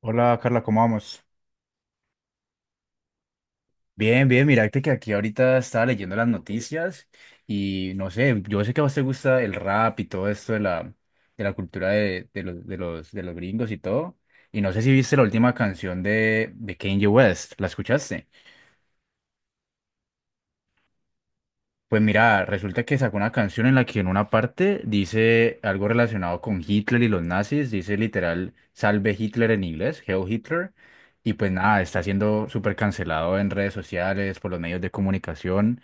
Hola Carla, ¿cómo vamos? Bien, bien, mirate que aquí ahorita estaba leyendo las noticias y no sé, yo sé que a vos te gusta el rap y todo esto de la cultura de los gringos y todo. Y no sé si viste la última canción de Kanye West, ¿la escuchaste? Pues mira, resulta que sacó una canción en la que en una parte dice algo relacionado con Hitler y los nazis, dice literal Salve Hitler en inglés, hail Hitler, y pues nada, está siendo súper cancelado en redes sociales, por los medios de comunicación.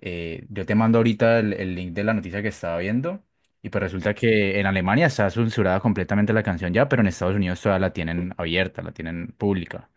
Yo te mando ahorita el link de la noticia que estaba viendo, y pues resulta que en Alemania está censurada completamente la canción ya, pero en Estados Unidos todavía la tienen abierta, la tienen pública.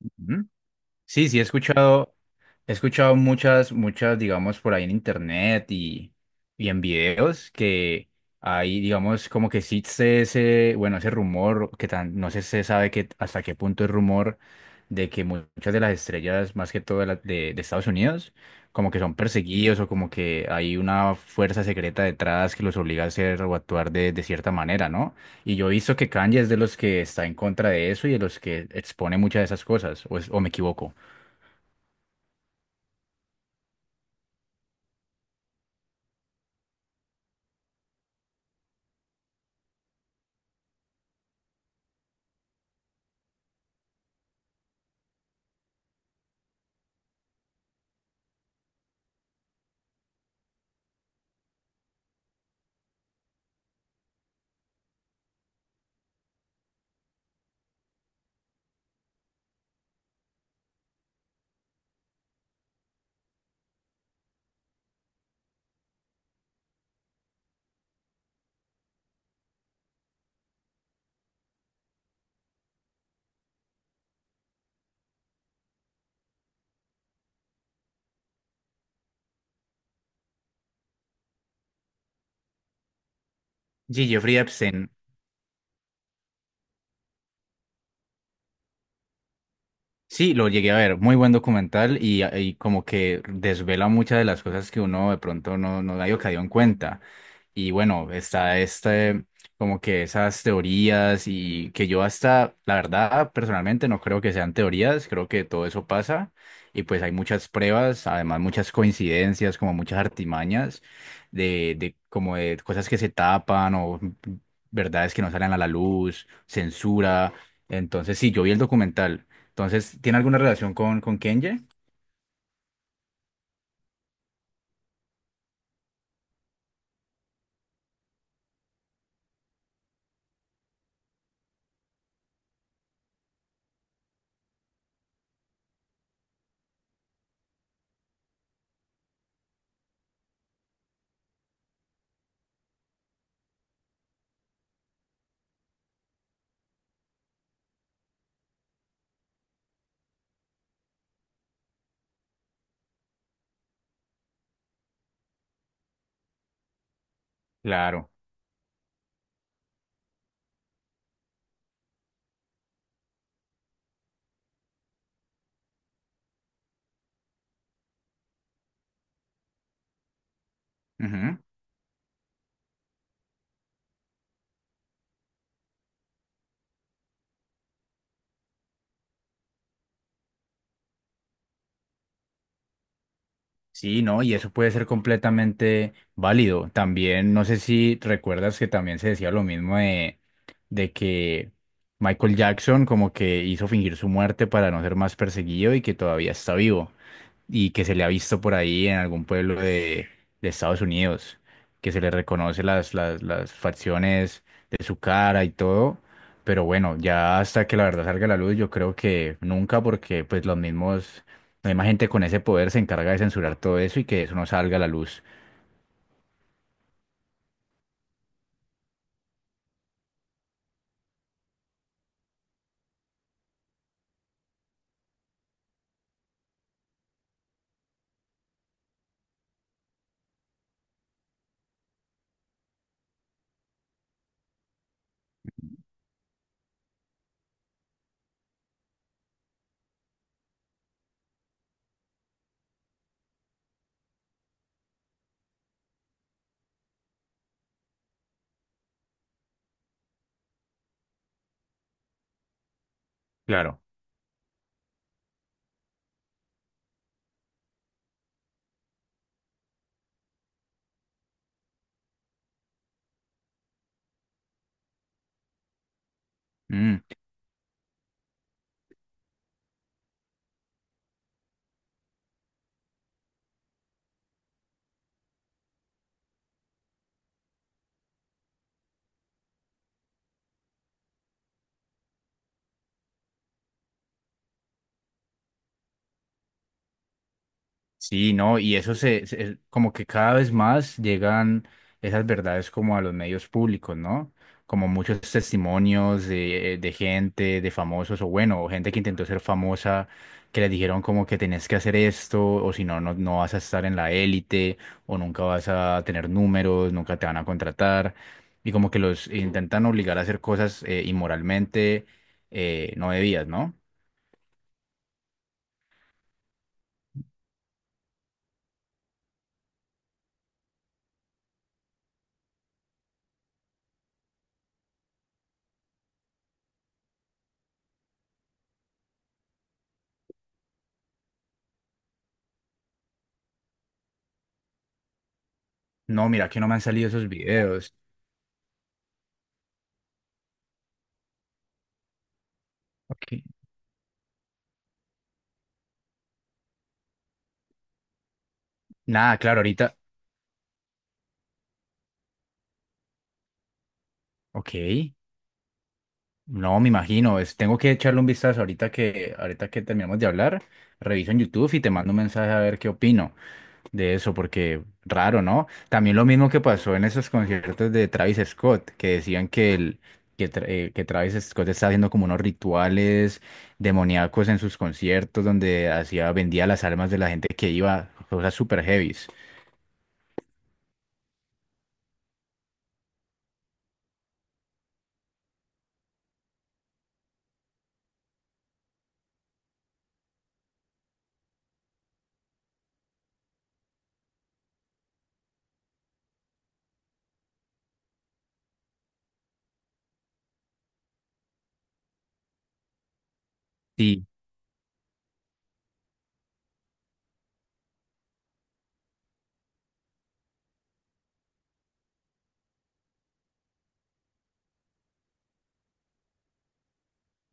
Ujú. Sí, sí, he escuchado muchas, digamos, por ahí en internet y en videos que hay, digamos, como que existe ese, bueno, ese rumor que tan, no sé se sabe que, hasta qué punto es rumor de que muchas de las estrellas, más que todo de, de de Estados Unidos, como que son perseguidos o como que hay una fuerza secreta detrás que los obliga a hacer o actuar de cierta manera, ¿no? Y yo he visto que Kanye es de los que está en contra de eso y de los que expone muchas de esas cosas, o, o me equivoco. Sí, Jeffrey Epstein. Sí, lo llegué a ver, muy buen documental y como que desvela muchas de las cosas que uno de pronto no, no había caído en cuenta. Y bueno, está este, como que esas teorías y que yo hasta, la verdad, personalmente no creo que sean teorías, creo que todo eso pasa y pues hay muchas pruebas, además muchas coincidencias, como muchas artimañas de como de cosas que se tapan o verdades que no salen a la luz, censura. Entonces sí, yo vi el documental. Entonces, ¿tiene alguna relación con Kenye? Claro. Ujú. Sí, no, y eso puede ser completamente válido. También, no sé si recuerdas que también se decía lo mismo de que Michael Jackson como que hizo fingir su muerte para no ser más perseguido y que todavía está vivo. Y que se le ha visto por ahí en algún pueblo de Estados Unidos, que se le reconoce las facciones de su cara y todo, pero bueno, ya hasta que la verdad salga a la luz, yo creo que nunca, porque pues los mismos, la misma gente con ese poder se encarga de censurar todo eso y que eso no salga a la luz. Claro. Sí, no, y eso como que cada vez más llegan esas verdades como a los medios públicos, ¿no? Como muchos testimonios de gente, de famosos, o bueno, o gente que intentó ser famosa, que les dijeron como que tenés que hacer esto, o si no, no, no vas a estar en la élite, o nunca vas a tener números, nunca te van a contratar, y como que los intentan obligar a hacer cosas inmoralmente no debidas, ¿no? No, mira que no me han salido esos videos. Ok. Nada, claro, ahorita. Ok, no, me imagino, tengo que echarle un vistazo ahorita que terminamos de hablar, reviso en YouTube y te mando un mensaje a ver qué opino de eso, porque raro, ¿no? También lo mismo que pasó en esos conciertos de Travis Scott, que decían que Travis Scott está haciendo como unos rituales demoníacos en sus conciertos, donde hacía, vendía las almas de la gente que iba, cosas super heavies. Sí,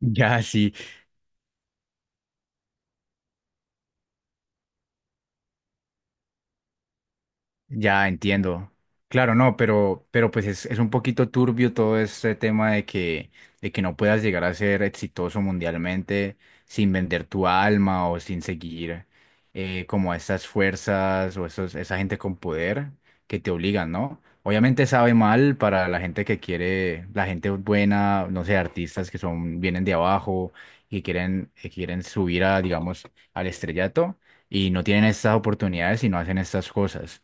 ya sí. Ya entiendo. Claro, no, pero pues es un poquito turbio todo este tema de que no puedas llegar a ser exitoso mundialmente sin vender tu alma o sin seguir como a esas fuerzas o esos, esa gente con poder que te obligan, ¿no? Obviamente sabe mal para la gente que quiere, la gente buena, no sé, artistas que son, vienen de abajo y quieren, que quieren subir a, digamos, al estrellato y no tienen estas oportunidades y no hacen estas cosas.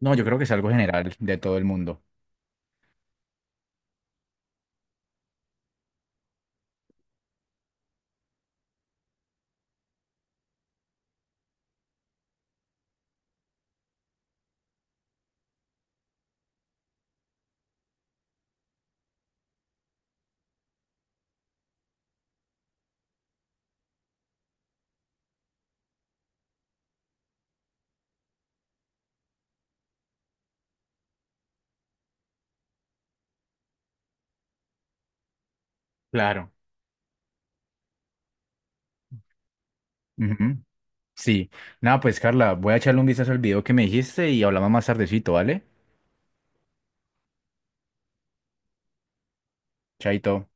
No, yo creo que es algo general de todo el mundo. Claro. Ujú. Sí. Nada, pues Carla, voy a echarle un vistazo al video que me dijiste y hablamos más tardecito, ¿vale? Chaito.